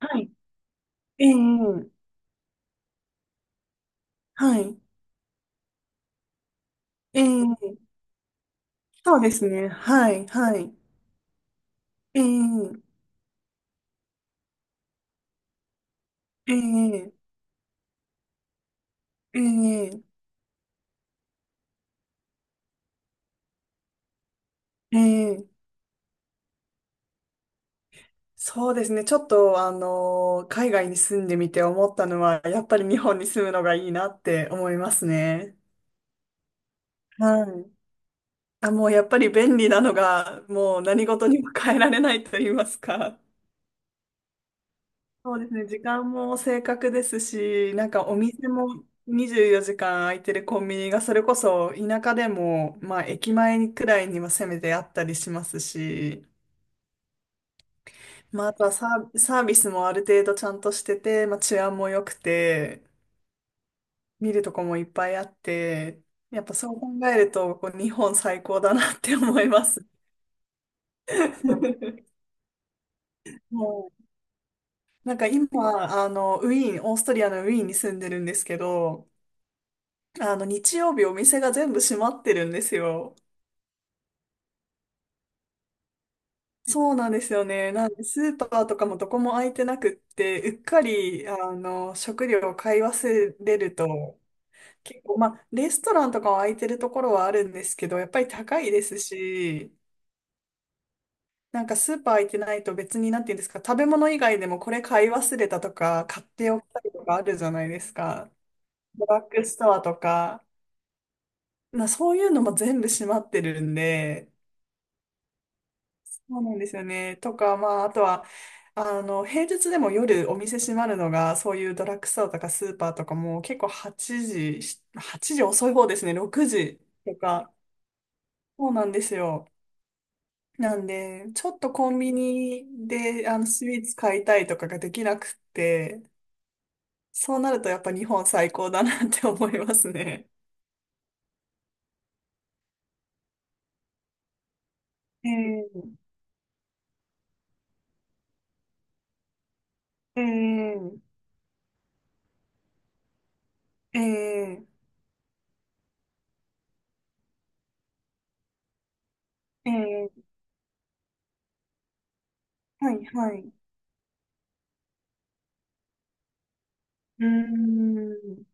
はい。ええ、はい。ええ、そうですね。はい、はい。ええ、ええ、ええ、ええ、そうですね。ちょっと、あの海外に住んでみて思ったのは、やっぱり日本に住むのがいいなって思いますね。はい。あ、もうやっぱり便利なのが、もう何事にも変えられないと言いますか。そうですね。時間も正確ですし、なんかお店も24時間空いてるコンビニがそれこそ田舎でも、まあ駅前くらいにはせめてあったりしますし、まああとはサービスもある程度ちゃんとしてて、まあ治安も良くて、見るとこもいっぱいあって、やっぱそう考えると、こう日本最高だなって思います。もう、なんか今、あの、ウィーン、オーストリアのウィーンに住んでるんですけど、あの、日曜日お店が全部閉まってるんですよ。そうなんですよね。なんで、スーパーとかもどこも開いてなくって、うっかり、あの、食料を買い忘れると、結構、まあ、レストランとかは開いてるところはあるんですけど、やっぱり高いですし、なんかスーパー開いてないと別に、なんていうんですか、食べ物以外でもこれ買い忘れたとか、買っておきたいとかあるじゃないですか。ドラッグストアとか、まあ、そういうのも全部閉まってるんで、そうなんですよね。とか、まあ、あとは、あの、平日でも夜お店閉まるのが、そういうドラッグストアとかスーパーとかも結構8時遅い方ですね、6時とか。そうなんですよ。なんで、ちょっとコンビニで、あの、スイーツ買いたいとかができなくって、そうなるとやっぱ日本最高だなって思いますね。ええええええええはい、はい。うーん。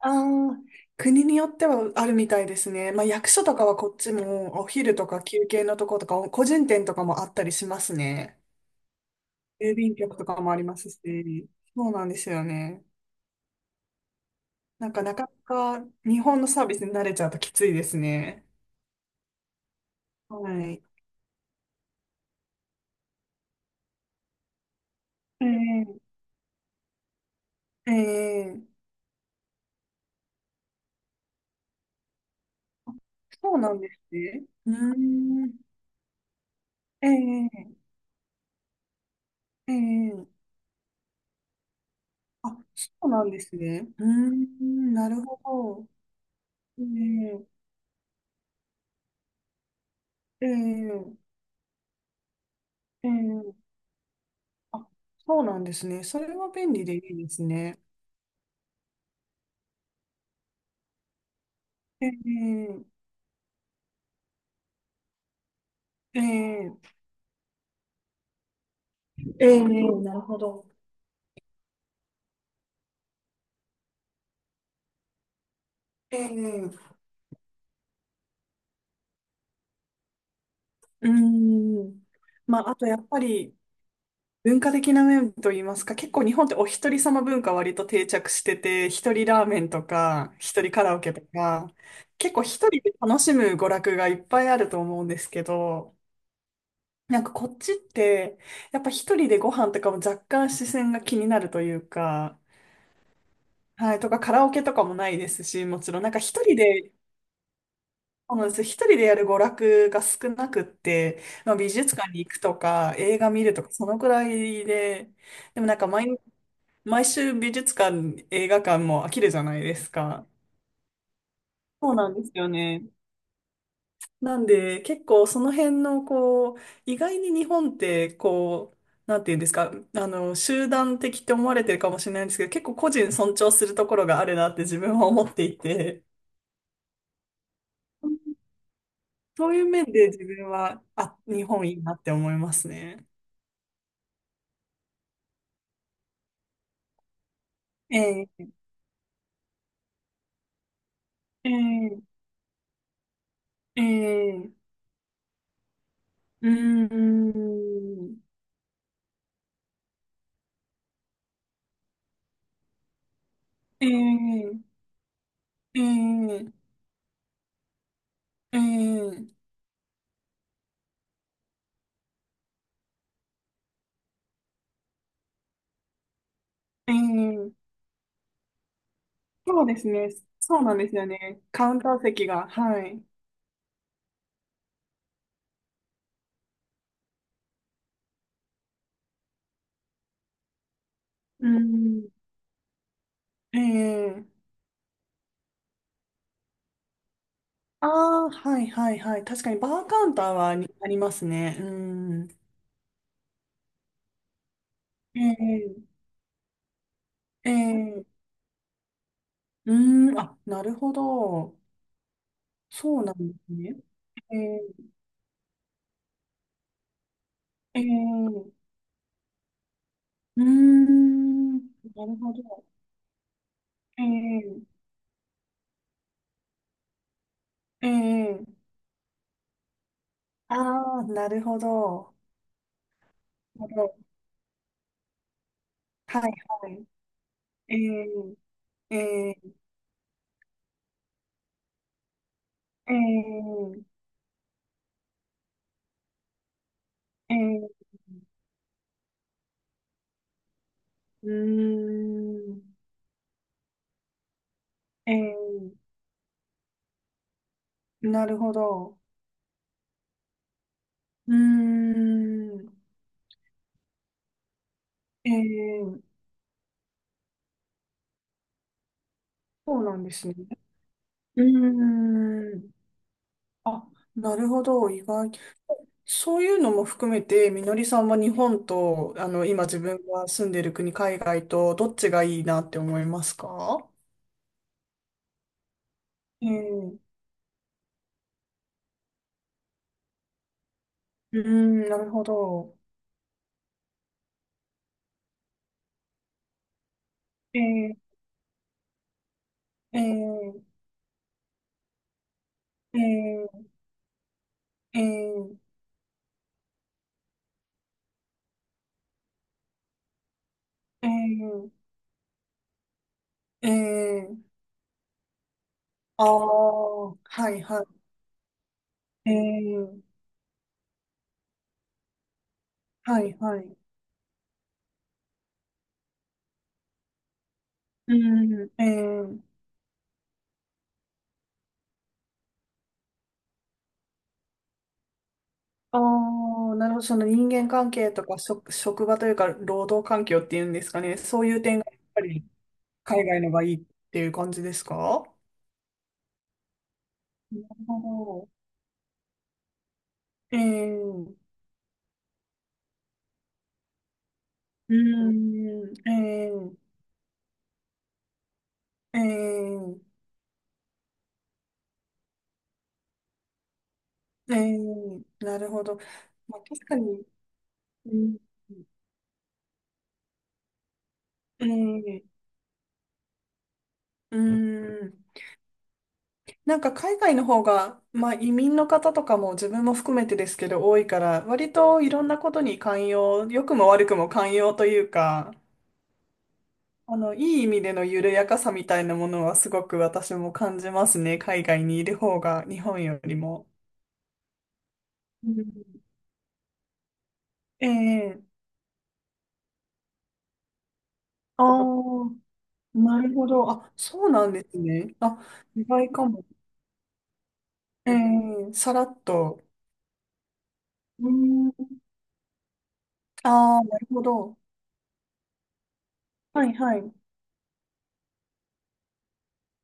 ああ、国によってはあるみたいですね。まあ、役所とかはこっちもお昼とか休憩のとことか、個人店とかもあったりしますね。郵便局とかもありますし、そうなんですよね。なんかなかなか日本のサービスに慣れちゃうときついですね。はい。ええええそうなんですね。うーん。ええええあ、そうなんですね。うーん、なるほど。ええええええあ、そうなんですね。それは便利でいいですね。えー、えー、えー、なるほど。えー、うーん。まあ、あとやっぱり文化的な面といいますか、結構日本ってお一人様文化割と定着してて、一人ラーメンとか、一人カラオケとか、結構一人で楽しむ娯楽がいっぱいあると思うんですけど、なんかこっちって、やっぱ一人でご飯とかも若干視線が気になるというか、はい、とかカラオケとかもないですし、もちろんなんか一人で、そうなんです、一人でやる娯楽が少なくって、まあ、美術館に行くとか映画見るとかそのくらいで、でもなんか毎週美術館、映画館も飽きるじゃないですか。そうなんですよね。なんで結構その辺のこう、意外に日本ってこう、なんていうんですか、あの、集団的って思われてるかもしれないんですけど、結構個人尊重するところがあるなって自分は思っていて。そういう面で自分は、あ、日本いいなって思いますね。ええ、ええ、ええ、うーん、ええ、ええ、ええ、ええ、そうですね。そうなんですよね。カウンター席が、はい。うん、ええ、ああ、はいはいはい。確かにバーカウンターはありますね。うん、ええ、ええ、うーん、あ、なるほど。そうなんですね。ええ、ええうーん。なるほど。うんうん。うん。ああ、なるほど。なるほど。はいはい。えんえんえんえんうーん。えんなるほど。うーん。えんそうなんですね。うーん。あ、なるほど。意外そういうのも含めて、みのりさんは日本と、あの、今自分が住んでる国、海外と、どっちがいいなって思いますか？ええうーん、なるほど。えええええええええーえーああー、はいはい。ええはいはい。うん、ええああ、なるほど。その人間関係とか職場というか、労働環境っていうんですかね。そういう点がやっぱり海外のがいいっていう感じですか？なるほどえー、うーん、えー、えー、えー、なるほど。まあ、確かに、うん、えー、うーん、なんか海外の方が、まあ、移民の方とかも自分も含めてですけど多いから、割といろんなことに寛容、良くも悪くも寛容というか、あの、いい意味での緩やかさみたいなものはすごく私も感じますね。海外にいる方が日本よりも。うんええああー、なるほど。あ、そうなんですね。あ、意外かも。ええさらっと。うん、ああ、なるほど。はいはい。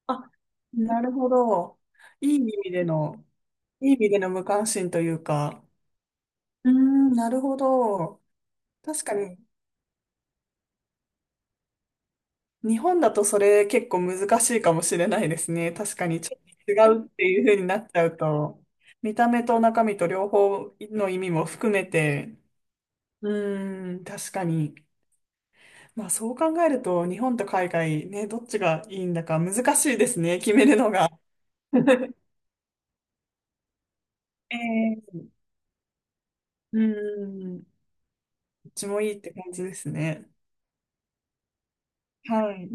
あ、なるほど。いい意味での、いい意味での無関心というか。うーん、なるほど。確かに日本だとそれ結構難しいかもしれないですね。確かにちょっと違うっていう風になっちゃうと、見た目と中身と両方の意味も含めて、うーん、確かに。まあそう考えると、日本と海外ね、どっちがいいんだか難しいですね、決めるのが。えー、うーん、どっちもいいって感じですね。はい。